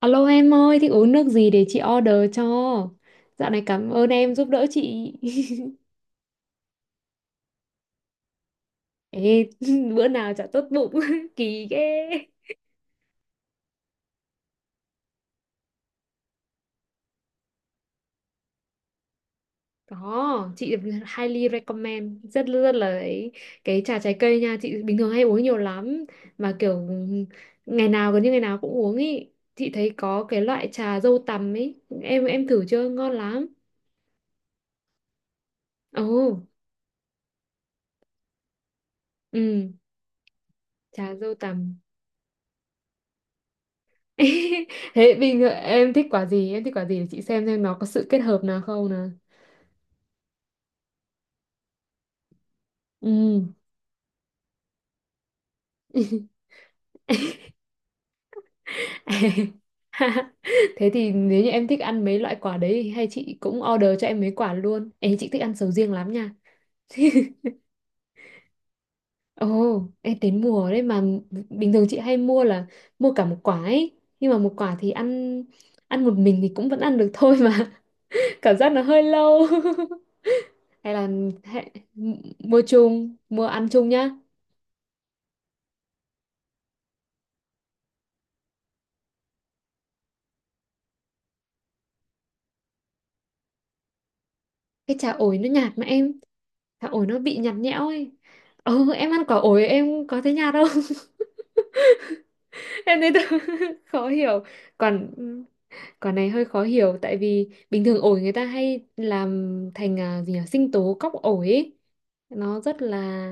Alo em ơi, thích uống nước gì để chị order cho? Dạo này cảm ơn em giúp đỡ chị. Ê, bữa nào chả tốt bụng, kỳ ghê. Có, chị highly recommend, rất rất là ấy. Cái trà trái cây nha, chị bình thường hay uống nhiều lắm. Mà kiểu ngày nào gần như ngày nào cũng uống ý. Chị thấy có cái loại trà dâu tằm ấy, em thử chưa? Ngon lắm. Ồ, ừ, trà dâu tằm. Thế bình thường em thích quả gì? Em thích quả gì để chị xem nó có sự kết hợp nào không nào. Ừ. Thế thì nếu như em thích ăn mấy loại quả đấy thì hay chị cũng order cho em mấy quả luôn. Chị thích ăn sầu riêng lắm nha. Ồ, em đến mùa đấy mà bình thường chị hay mua cả một quả ấy. Nhưng mà một quả thì ăn ăn một mình thì cũng vẫn ăn được thôi mà. Cảm giác nó hơi lâu. Hay là hay, mua chung, ăn chung nhá. Cái trà ổi nó nhạt mà em, trà ổi nó bị nhạt nhẽo ấy. Ừ, em ăn quả ổi em có thấy nhạt không? Em thấy khó hiểu. Còn quả này hơi khó hiểu tại vì bình thường ổi người ta hay làm thành gì nhỉ, sinh tố cóc ổi ấy. Nó rất là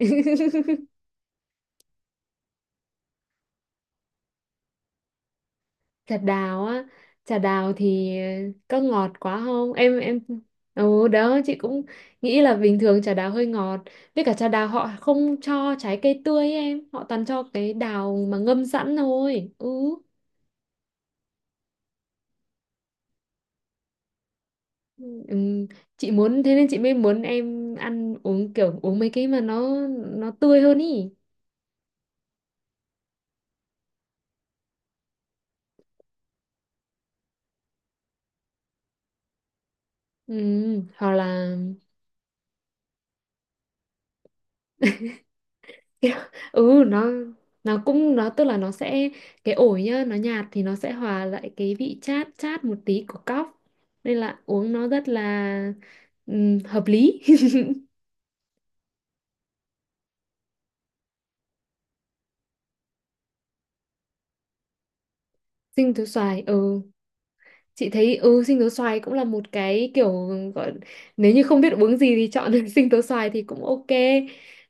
trà đào á, trà đào thì có ngọt quá không? Em ừ đó chị cũng nghĩ là bình thường trà đào hơi ngọt. Với cả trà đào họ không cho trái cây tươi ấy em, họ toàn cho cái đào mà ngâm sẵn thôi. Ừ, ừ. Chị muốn thế nên chị mới muốn em ăn uống kiểu uống mấy cái mà nó tươi hơn ý. Ừ. Hoặc là Kiểu- ừ nó cũng tức là nó sẽ, cái ổi nhá nó nhạt thì nó sẽ hòa lại cái vị chát chát một tí của cóc, nên là uống nó rất là hợp lý. Sinh tố xoài, ừ, chị thấy ừ sinh tố xoài cũng là một cái kiểu gọi, nếu như không biết uống gì thì chọn sinh tố xoài thì cũng ok.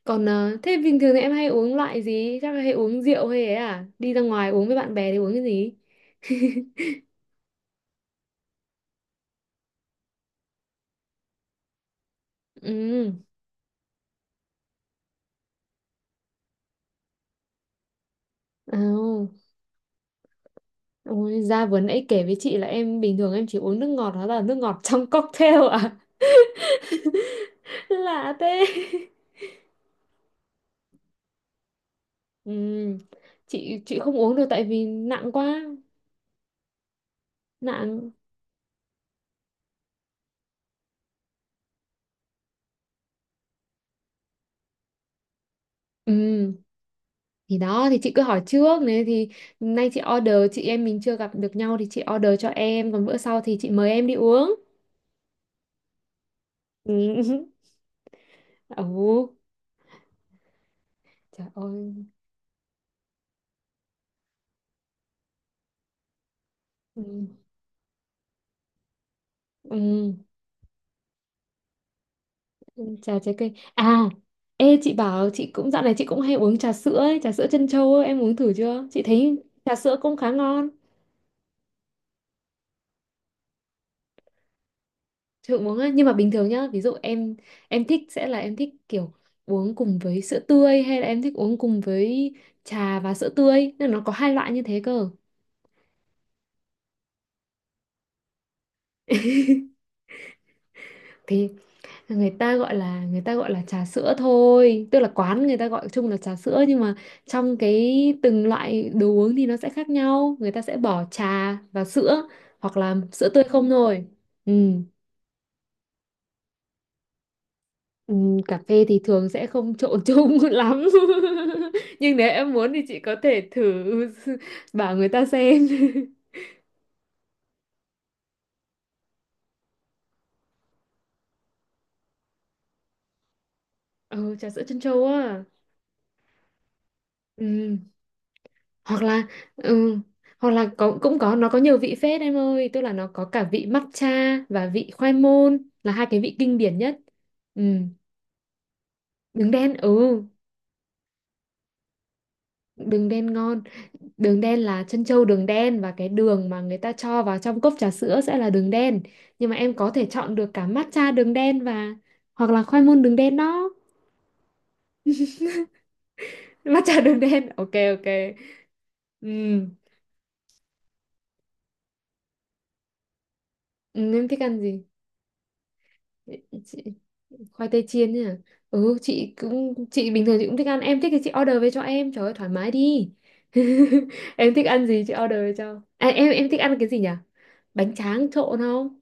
Còn thế bình thường thì em hay uống loại gì, chắc là hay uống rượu hay ấy à, đi ra ngoài uống với bạn bè thì uống cái gì? Ừ. Ôi, ra vừa nãy kể với chị là em bình thường em chỉ uống nước ngọt, đó là nước ngọt trong cocktail à? Lạ thế. Ừ, chị không uống được tại vì nặng quá. Nặng. Ừ, thì đó thì chị cứ hỏi trước này thì nay chị order, chị em mình chưa gặp được nhau thì chị order cho em, còn bữa sau thì chị mời em đi uống. Ừ. Ồ, trời ơi ừ. Ừ. Trà trái cây à, ê chị bảo, chị cũng dạo này chị cũng hay uống trà sữa ấy, trà sữa trân châu ấy, em uống thử chưa chị thấy trà sữa cũng khá ngon. Chị cũng uống ấy. Nhưng mà bình thường nhá, ví dụ em thích sẽ là em thích kiểu uống cùng với sữa tươi hay là em thích uống cùng với trà và sữa tươi, nên nó có hai loại như thế cơ. Thì người ta gọi là trà sữa thôi, tức là quán người ta gọi chung là trà sữa nhưng mà trong cái từng loại đồ uống thì nó sẽ khác nhau, người ta sẽ bỏ trà và sữa hoặc là sữa tươi không thôi. Ừ. Ừ, cà phê thì thường sẽ không trộn chung lắm, nhưng nếu em muốn thì chị có thể thử bảo người ta xem. Ừ, trà sữa trân châu á. Ừ. Hoặc là ừ, hoặc là có cũng có nó có nhiều vị phết em ơi, tức là nó có cả vị matcha và vị khoai môn là hai cái vị kinh điển nhất. Ừ. Đường đen, ừ, đường đen ngon. Đường đen là trân châu đường đen, và cái đường mà người ta cho vào trong cốc trà sữa sẽ là đường đen, nhưng mà em có thể chọn được cả matcha đường đen và hoặc là khoai môn đường đen đó. Matcha đường đen, ok ok. Ừ. Ừ em thích ăn gì chị? Khoai tây chiên nhỉ. Ừ chị bình thường chị cũng thích ăn, em thích thì chị order về cho em, trời ơi thoải mái đi. Em thích ăn gì chị order về cho, em thích ăn cái gì nhỉ? Bánh tráng trộn không?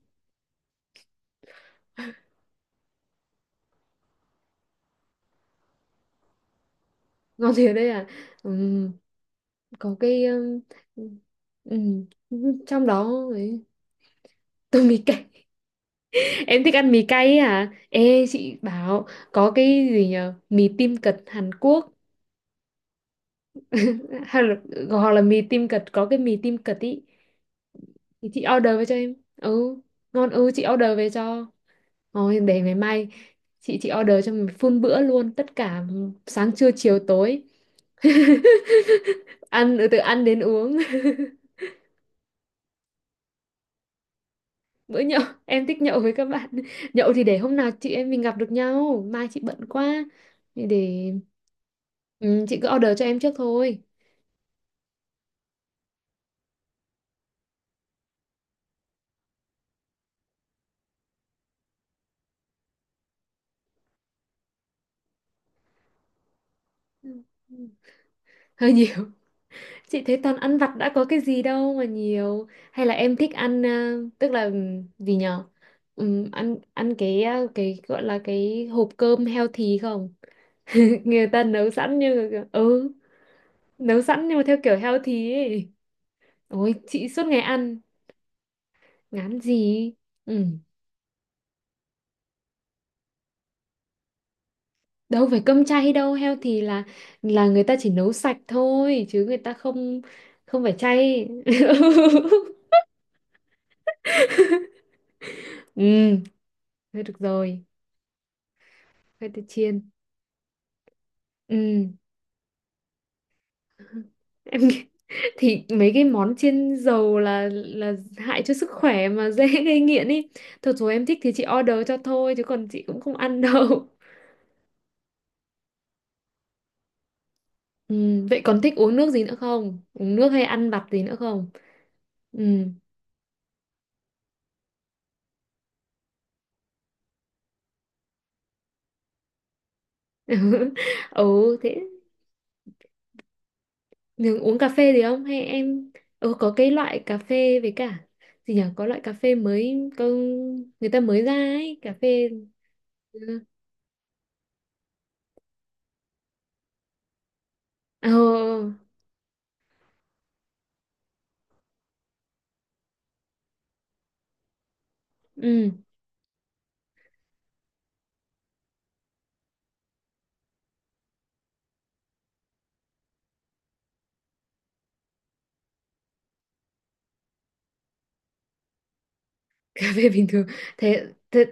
Ngon thiệt đấy à? Ừm, có cái ừm, trong đó ấy, tôi mì cay. Em thích ăn mì cay ấy à, ê chị bảo, có cái gì nhỉ, mì tim cật Hàn Quốc. Hay là, hoặc là mì tim cật, có cái mì tim cật ý thì chị order về cho em. Ừ ngon, ừ chị order về cho. Rồi để ngày mai chị order cho mình full bữa luôn, tất cả sáng trưa chiều tối. Ăn, ừ, từ ăn đến uống. Bữa nhậu, em thích nhậu với các bạn, nhậu thì để hôm nào chị em mình gặp được nhau, mai chị bận quá thì để, ừ, chị cứ order cho em trước thôi. Ừ. Hơi nhiều. Chị thấy toàn ăn vặt đã, có cái gì đâu mà nhiều. Hay là em thích ăn tức là gì nhở? Ăn ăn cái cái gọi là cái hộp cơm healthy không? Người ta nấu sẵn như ừ, nấu sẵn nhưng mà theo kiểu healthy ấy. Ôi, chị suốt ngày ăn, ngán gì? Ừ. Đâu phải cơm chay đâu, healthy là người ta chỉ nấu sạch thôi, chứ người ta không, không phải chay. Ừ, thôi được rồi, khoai tây chiên. Ừ. em nghĩ- thì mấy cái món chiên dầu là hại cho sức khỏe mà, dễ gây nghiện ý, thật rồi, em thích thì chị order cho thôi chứ còn chị cũng không ăn đâu. Ừ, vậy còn thích uống nước gì nữa không, uống nước hay ăn vặt gì nữa không? Ừ. Ừ thế, nhưng uống cà phê gì không hay em? Ừ có cái loại cà phê với cả gì nhỉ, có loại cà phê mới có, người ta mới ra ấy cà phê. Ừ. Ờ, ừ. Cà phê bình thường, thế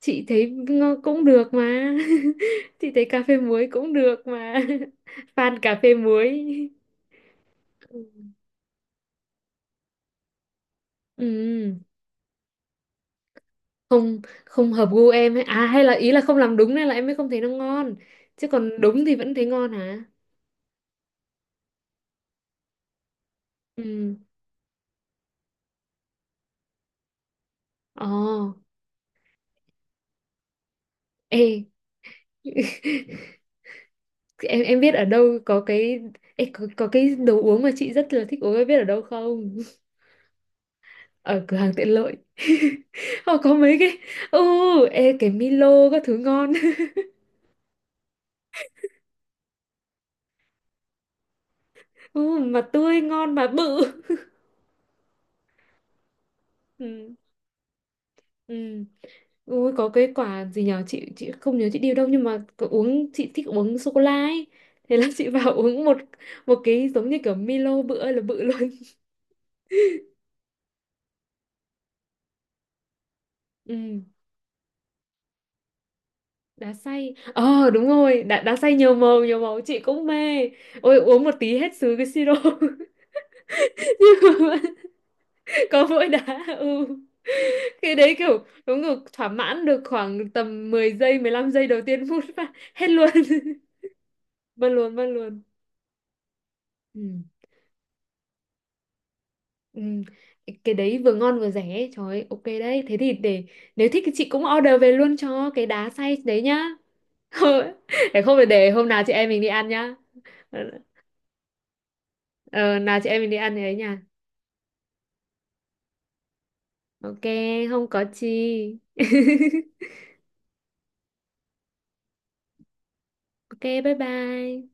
chị thấy ngon cũng được mà. Chị thấy cà phê muối cũng được mà. Fan cà phê muối. Ừ. Ừ. không không hợp gu em ấy à, hay là ý là không làm đúng nên là em mới không thấy nó ngon, chứ còn đúng thì vẫn thấy ngon hả? Ừ, ồ, ê. Em biết ở đâu có cái, ê, có cái đồ uống mà chị rất là thích uống em biết ở đâu không? Ở cửa hàng tiện lợi, họ có mấy cái, ừ, ê cái Milo các thứ ngon. Ừ, mà tươi ngon mà bự. Ừ. Ừ. Ui, có cái quả gì nhở chị không nhớ chị điều đâu, nhưng mà có uống, chị thích uống sô cô la ấy, thế là chị vào uống một, một cái giống như kiểu Milo bự ơi là bự luôn. Ừ. Đá xay, ờ đúng rồi, đá xay nhiều màu chị cũng mê. Ôi uống một tí hết sứ cái siro, nhưng mà có mỗi đá, ừ, cái đấy kiểu đúng kiểu thỏa mãn được khoảng tầm 10 giây 15 giây đầu tiên, phút và hết luôn. Mất luôn mất luôn. Ừ. Ừ. Cái đấy vừa ngon vừa rẻ ấy. Trời ơi, ok đấy, thế thì để, nếu thích thì chị cũng order về luôn cho cái đá xay đấy nhá. Để không phải để hôm nào chị em mình đi ăn nhá. Ờ, ờ, nào chị em mình đi ăn thì ấy nha. Ok, không có chi. Ok bye bye.